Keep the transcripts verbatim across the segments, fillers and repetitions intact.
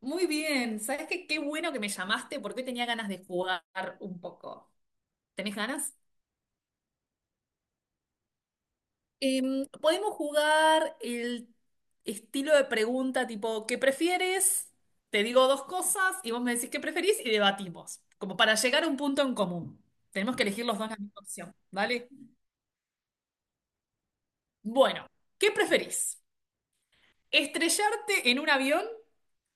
Muy bien, ¿sabes qué? Qué bueno que me llamaste porque hoy tenía ganas de jugar un poco. ¿Tenés ganas? Em, podemos jugar el estilo de pregunta tipo, ¿qué prefieres? Te digo dos cosas y vos me decís qué preferís y debatimos, como para llegar a un punto en común. Tenemos que elegir los dos la misma opción, ¿vale? Bueno, ¿qué preferís? ¿Estrellarte en un avión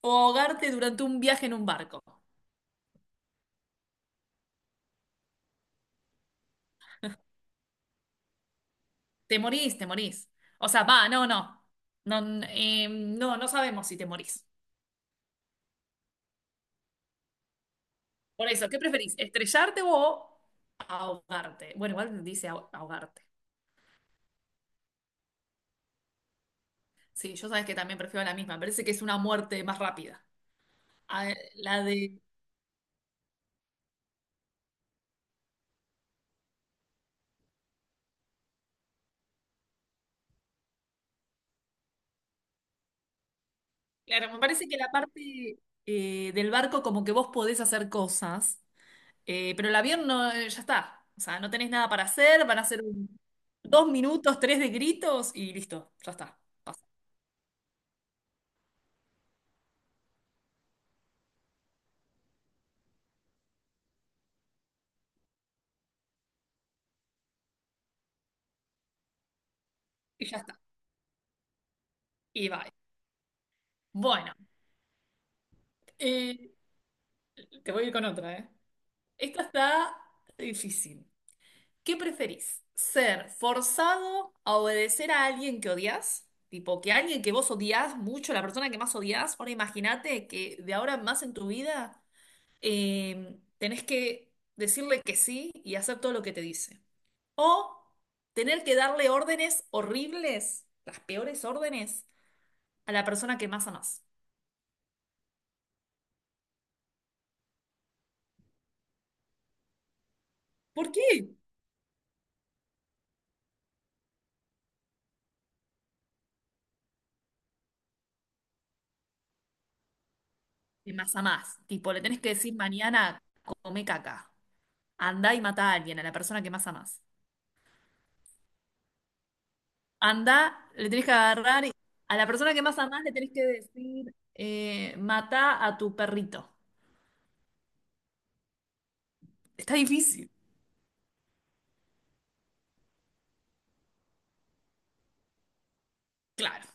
o ahogarte durante un viaje en un barco? Te morís, te morís. O sea, va, no, no. No, n- eh, no, no sabemos si te morís. Por eso, ¿qué preferís? ¿Estrellarte o ahogarte? Bueno, igual dice aho- ahogarte. Sí, yo sabes que también prefiero la misma. Me parece que es una muerte más rápida. A- la de. Claro, me parece que la parte eh, del barco, como que vos podés hacer cosas, eh, pero el avión no, eh, ya está. O sea, no tenés nada para hacer, van a ser un- dos minutos, tres de gritos y listo, ya está. Pasa. Y ya está. Y bye. Bueno. Eh, te voy a ir con otra, ¿eh? Esta está difícil. ¿Qué preferís? ¿Ser forzado a obedecer a alguien que odias? Tipo, que alguien que vos odias mucho, la persona que más odias. Ahora imagínate que de ahora en más en tu vida eh, tenés que decirle que sí y hacer todo lo que te dice. O tener que darle órdenes horribles, las peores órdenes, a la persona que más amás. ¿Por qué? De más a más. Tipo, le tenés que decir mañana, come caca. Anda y mata a alguien, a la persona que más amás. Anda, le tenés que agarrar, y- a la persona que más amás le tenés que decir, eh, mata a tu perrito. Está difícil. Claro.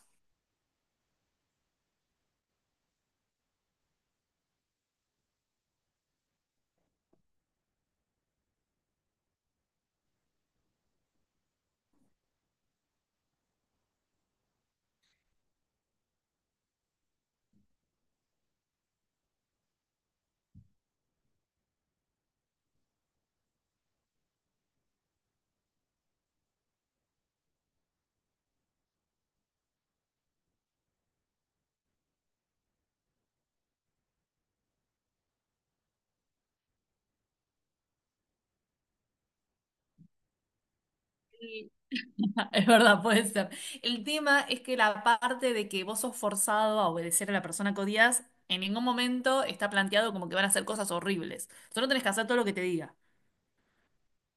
Sí. Es verdad, puede ser. El tema es que la parte de que vos sos forzado a obedecer a la persona que odias, en ningún momento está planteado como que van a hacer cosas horribles. Solo tenés que hacer todo lo que te diga.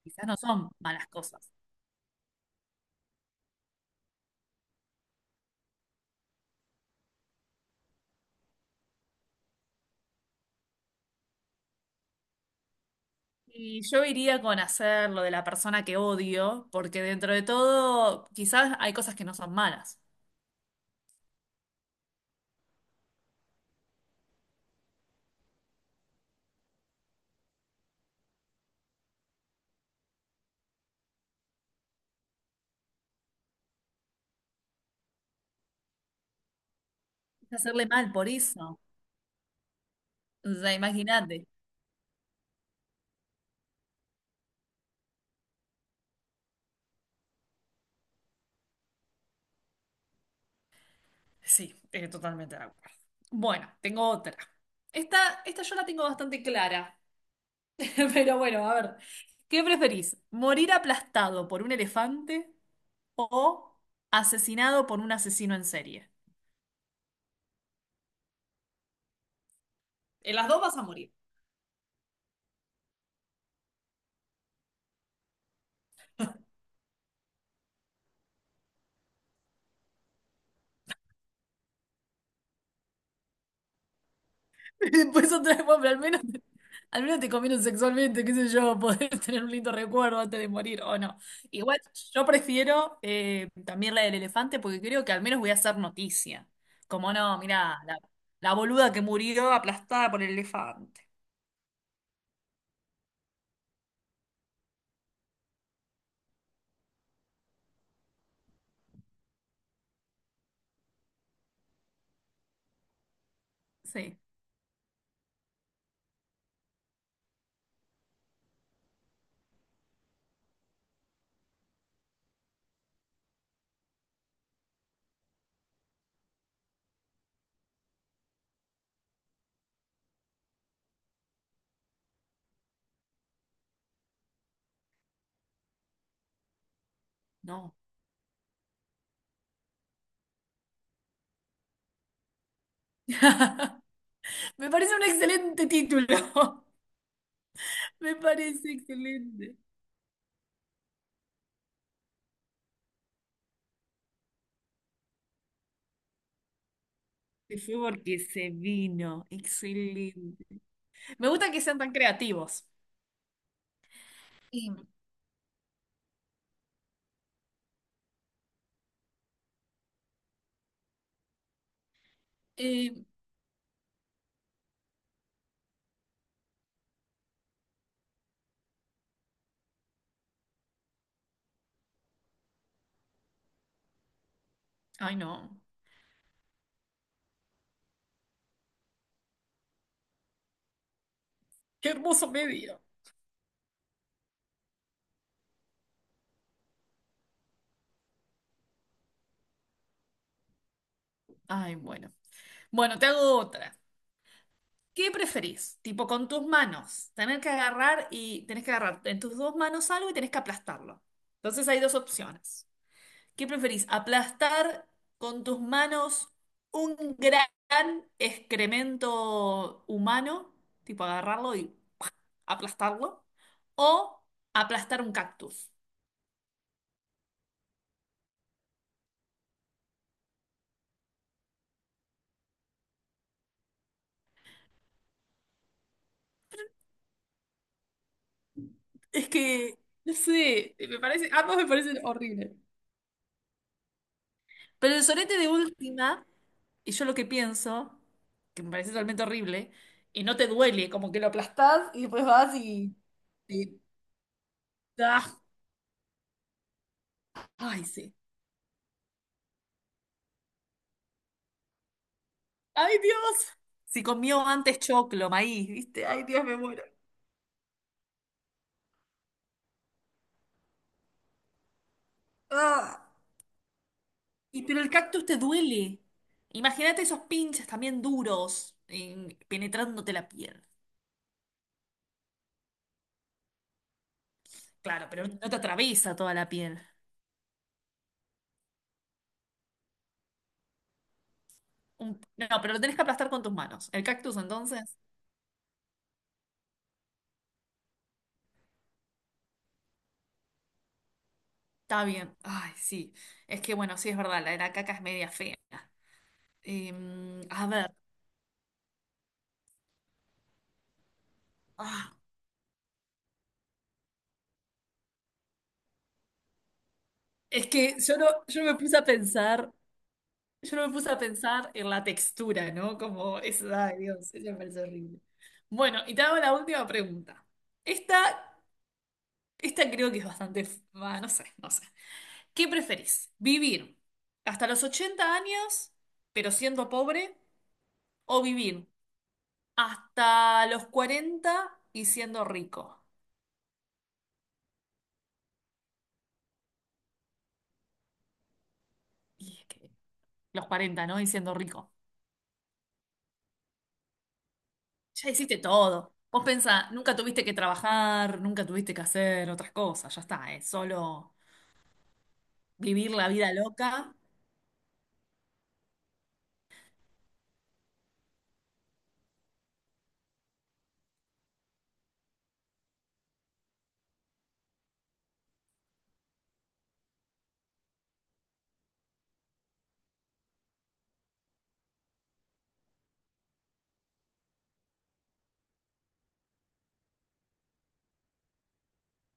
Quizás no son malas cosas. Y yo iría con hacer lo de la persona que odio, porque dentro de todo, quizás hay cosas que no son malas. Es hacerle mal por eso. O sea, imagínate. Sí, eh, totalmente de acuerdo. Bueno, tengo otra. Esta, esta yo la tengo bastante clara. Pero bueno, a ver. ¿Qué preferís? ¿Morir aplastado por un elefante o asesinado por un asesino en serie? En las dos vas a morir. Y después otra vez, bueno, pero al menos, te- al menos te comieron sexualmente, qué sé yo, poder tener un lindo recuerdo antes de morir o no. Igual yo prefiero eh, también la del elefante porque creo que al menos voy a hacer noticia. Como no, mirá, la, la boluda que murió aplastada por el elefante. Sí, no. Me parece un excelente título. Me parece excelente. Se fue porque se vino. Excelente. Me gusta que sean tan creativos. Y, eh, ay, no. Qué hermoso medio. Ay, bueno. Bueno, te hago otra. ¿Qué preferís? Tipo, con tus manos. Tener que agarrar y tenés que agarrar en tus dos manos algo y tenés que aplastarlo. Entonces hay dos opciones. ¿Qué preferís? ¿Aplastar con tus manos un gran excremento humano? Tipo, agarrarlo y aplastarlo. ¿O aplastar un cactus? Es que, no sé, me parece, ambos me parecen horribles. Pero el sorete de última. Y yo lo que pienso, que me parece totalmente horrible, y no te duele, como que lo aplastás y después vas y... y- ah, ay, sí. ¡Ay, Dios! Si comió antes choclo, maíz, ¿viste? ¡Ay, Dios, me muero! ¡Ah! Y pero el cactus te duele. Imagínate esos pinches también duros, eh, penetrándote la piel. Claro, pero no te atraviesa toda la piel. Un- no, pero lo tenés que aplastar con tus manos. El cactus, entonces, está bien. Ay, sí. Es que, bueno, sí es verdad, la de la caca es media fea. Em, a ver, ah, es que yo no, yo no me puse a pensar, yo no me puse a pensar en la textura, ¿no? Como eso, ay Dios, eso me parece horrible. Bueno, y te hago la última pregunta. Esta, esta creo que es bastante, f- ah, no sé, no sé. ¿Qué preferís? ¿Vivir hasta los ochenta años, pero siendo pobre, o vivir hasta los cuarenta y siendo rico? Y es que los cuarenta, ¿no? Y siendo rico. Ya hiciste todo. Vos pensá, nunca tuviste que trabajar, nunca tuviste que hacer otras cosas, ya está, es solo vivir la vida loca.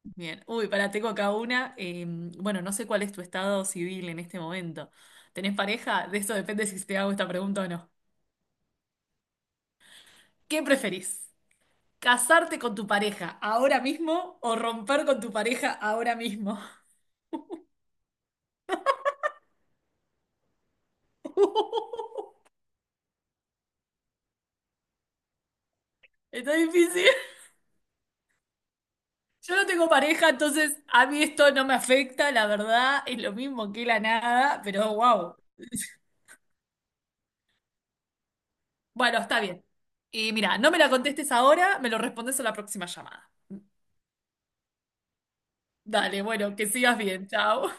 Bien, uy, para tengo acá una. eh, bueno, no sé cuál es tu estado civil en este momento. ¿Tenés pareja? De eso depende si te hago esta pregunta o no. ¿Qué preferís? ¿Casarte con tu pareja ahora mismo o romper con tu pareja ahora mismo? Está difícil. Yo no tengo pareja, entonces a mí esto no me afecta, la verdad, es lo mismo que la nada, pero wow. Bueno, está bien. Y mira, no me la contestes ahora, me lo respondes a la próxima llamada. Dale, bueno, que sigas bien, chao.